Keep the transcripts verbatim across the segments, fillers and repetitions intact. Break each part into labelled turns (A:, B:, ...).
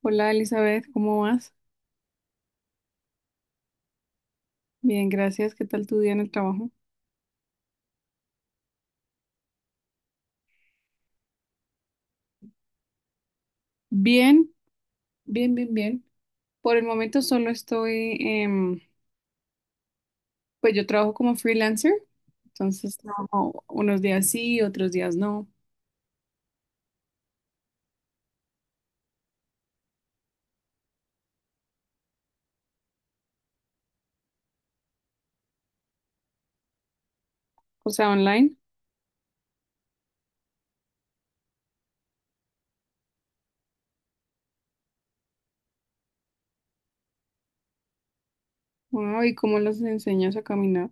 A: Hola Elizabeth, ¿cómo vas? Bien, gracias. ¿Qué tal tu día en el trabajo? Bien, bien, bien, bien. Por el momento solo estoy, em, pues yo trabajo como freelancer, entonces trabajo unos días sí, otros días no, o sea, online. Wow, ¿y cómo los enseñas a caminar?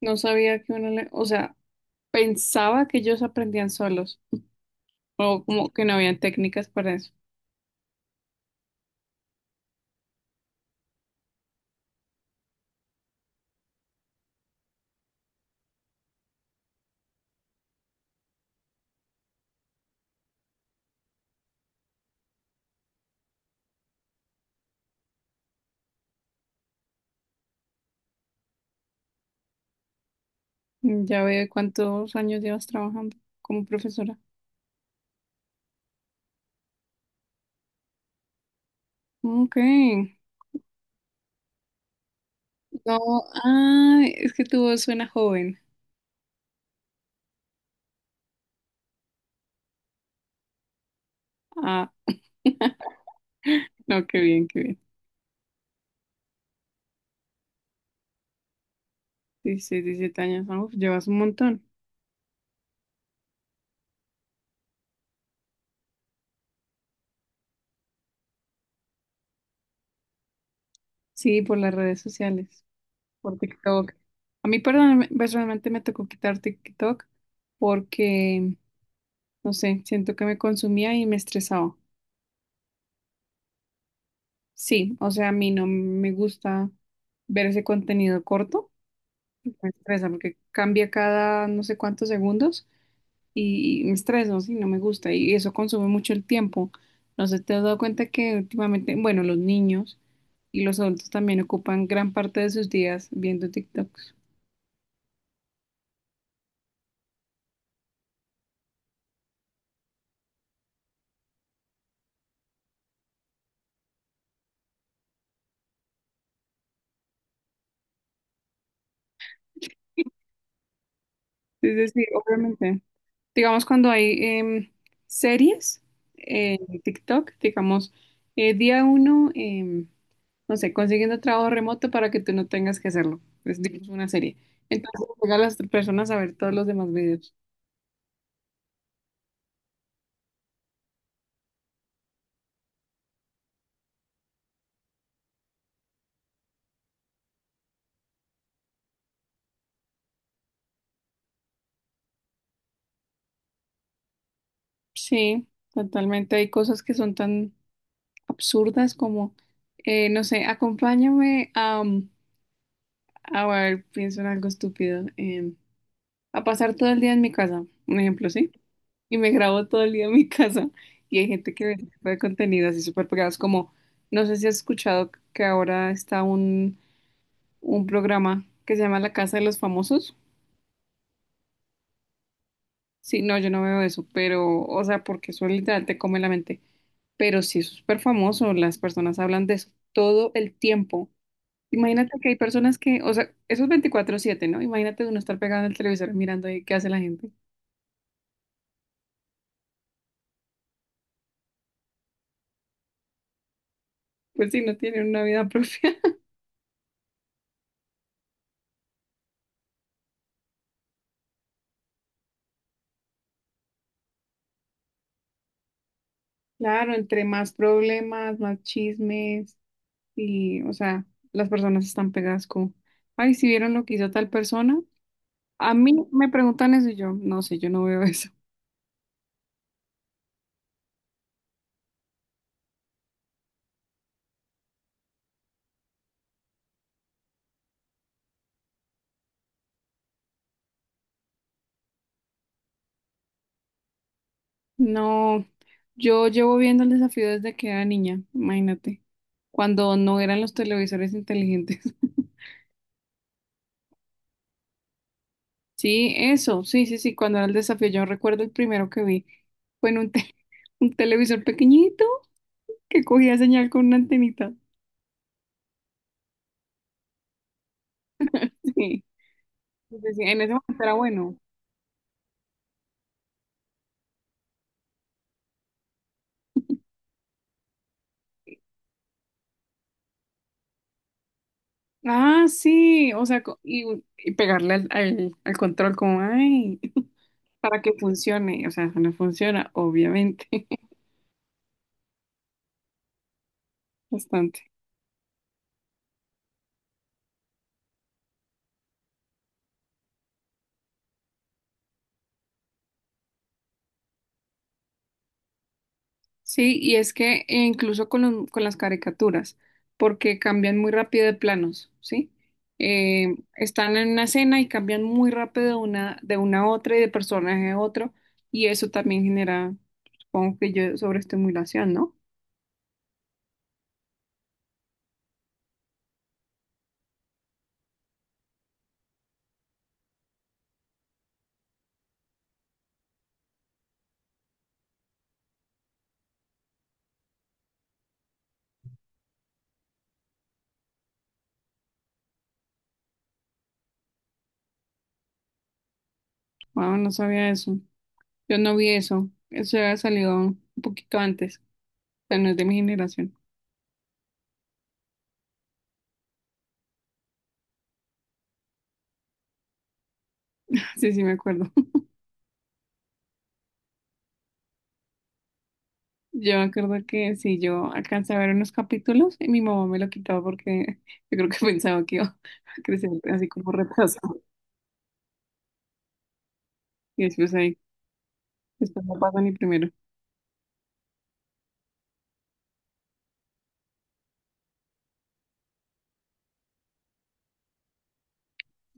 A: No sabía que uno le, o sea, pensaba que ellos aprendían solos, o como que no habían técnicas para eso. Mm, ya veo, ¿cuántos años llevas trabajando como profesora? Ok. No, ah, es que tu voz suena joven. Ah, no, qué bien, qué bien. dieciséis, diecisiete años, ah, uf, llevas un montón. Sí, por las redes sociales, por TikTok. A mí perdón, personalmente me tocó quitar TikTok porque, no sé, siento que me consumía y me estresaba. Sí, o sea, a mí no me gusta ver ese contenido corto, me estresa porque cambia cada no sé cuántos segundos y me estreso, sí, no me gusta y eso consume mucho el tiempo. No sé, ¿te has dado cuenta que últimamente, bueno, los niños y los adultos también ocupan gran parte de sus días viendo TikToks? Es decir, obviamente, digamos cuando hay em, series en TikTok, digamos, eh, día uno, em, no sé, consiguiendo trabajo remoto para que tú no tengas que hacerlo. Es, digamos, una serie. Entonces, llega a las personas a ver todos los demás videos. Sí, totalmente. Hay cosas que son tan absurdas como, eh, no sé, acompáñame a, mm, a ver, pienso en algo estúpido, em, a pasar todo el día en mi casa, un ejemplo, ¿sí? Y me grabo todo el día en mi casa y hay gente que ve ese tipo de contenido así súper pegados como, no sé si has escuchado que ahora está un, un programa que se llama La Casa de los Famosos. Sí, no, yo no veo eso, pero, o sea, porque eso literal te come la mente. Pero sí es súper famoso, las personas hablan de eso todo el tiempo. Imagínate que hay personas que, o sea, eso es veinticuatro siete, ¿no? Imagínate uno estar pegado al televisor mirando ahí qué hace la gente. Pues sí, no tienen una vida propia. Claro, entre más problemas, más chismes y, o sea, las personas están pegadas como, ay, si vieron lo que hizo tal persona. A mí me preguntan eso y yo, no sé, yo no veo eso. No, yo llevo viendo el desafío desde que era niña, imagínate, cuando no eran los televisores inteligentes. Sí, eso, sí, sí, sí, cuando era el desafío, yo recuerdo el primero que vi fue en un, te- un televisor pequeñito que cogía señal con una antenita. Sí, sí, sí, en ese momento era bueno. Ah, sí, o sea, co- y, un- y pegarle al, al- al control como, ay, para que funcione, o sea, eso no funciona, obviamente, bastante. Sí, y es que eh, incluso con, los- con las caricaturas, porque cambian muy rápido de planos, ¿sí? Eh, están en una escena y cambian muy rápido de una, de una a otra y de personaje a otro, y eso también genera, supongo que yo, sobreestimulación, ¿no? Wow, no sabía eso. Yo no vi eso. Eso había salido un poquito antes, o sea, no es de mi generación. Sí, sí, me acuerdo. Yo me acuerdo que si yo alcancé a ver unos capítulos y mi mamá me lo quitaba porque yo creo que pensaba que iba a crecer así como retrasado. Y después ahí, después no pasa ni primero.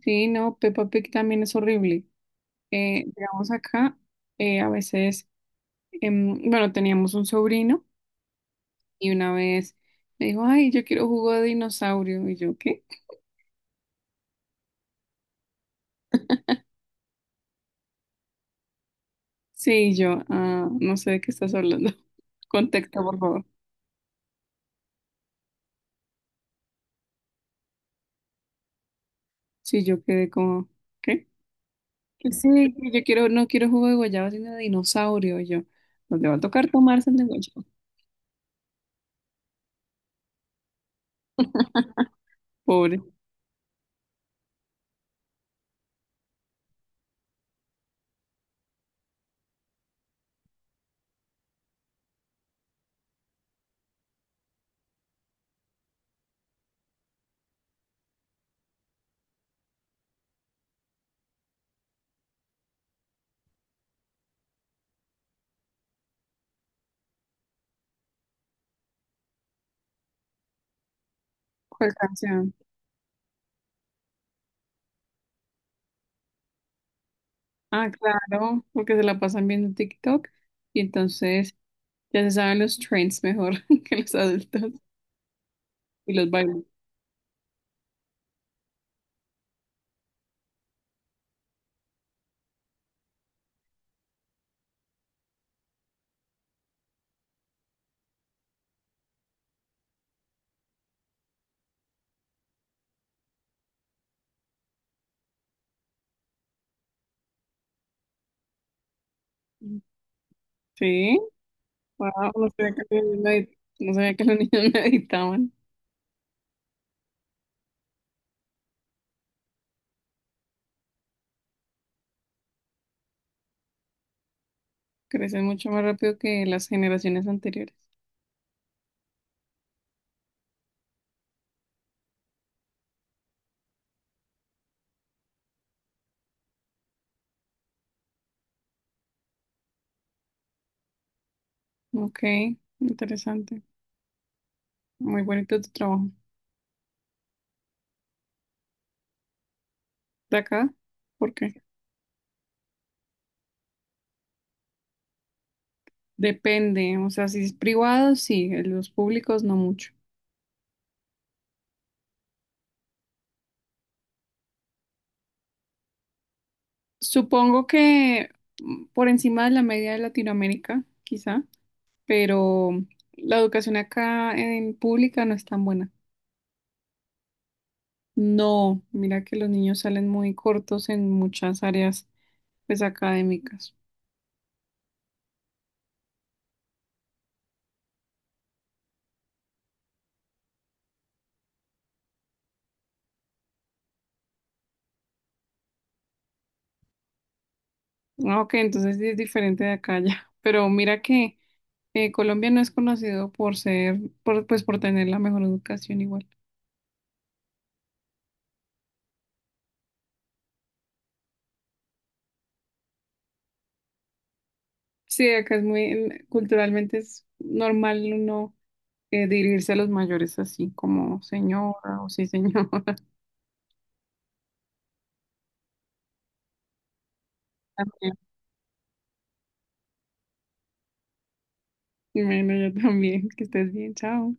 A: Sí, no, Peppa Pig también es horrible. Eh, digamos acá, eh, a veces, em, bueno, teníamos un sobrino y una vez me dijo, ay, yo quiero jugo de dinosaurio. Y yo, ¿qué? Sí, yo, ah, no sé de qué estás hablando. Contexto, por favor. Sí, yo quedé como, ¿qué? Sí, yo quiero, no quiero jugo de guayaba, sino de dinosaurio yo. Nos le va a tocar tomarse el de guayaba. Pobre. ¿Cuál canción? Ah, claro, porque se la pasan viendo TikTok y entonces ya se saben los trends mejor que los adultos y los bailan. Sí, wow, no sabía que los niños medi- no sabía que los niños meditaban. Crecen mucho más rápido que las generaciones anteriores. Ok, interesante. Muy bonito tu trabajo. ¿De acá? ¿Por qué? Depende, o sea, si es privado, sí, en los públicos no mucho. Supongo que mm, por encima de la media de Latinoamérica, quizá, pero la educación acá en pública no es tan buena. No, mira que los niños salen muy cortos en muchas áreas, pues, académicas. Ah, ok, entonces sí es diferente de acá ya, pero mira que eh, Colombia no es conocido por ser, por, pues, por tener la mejor educación igual. Sí, acá es muy, culturalmente es normal uno eh, dirigirse a los mayores así como señora o sí señora. También. Bueno, yo también, que estés bien, chao.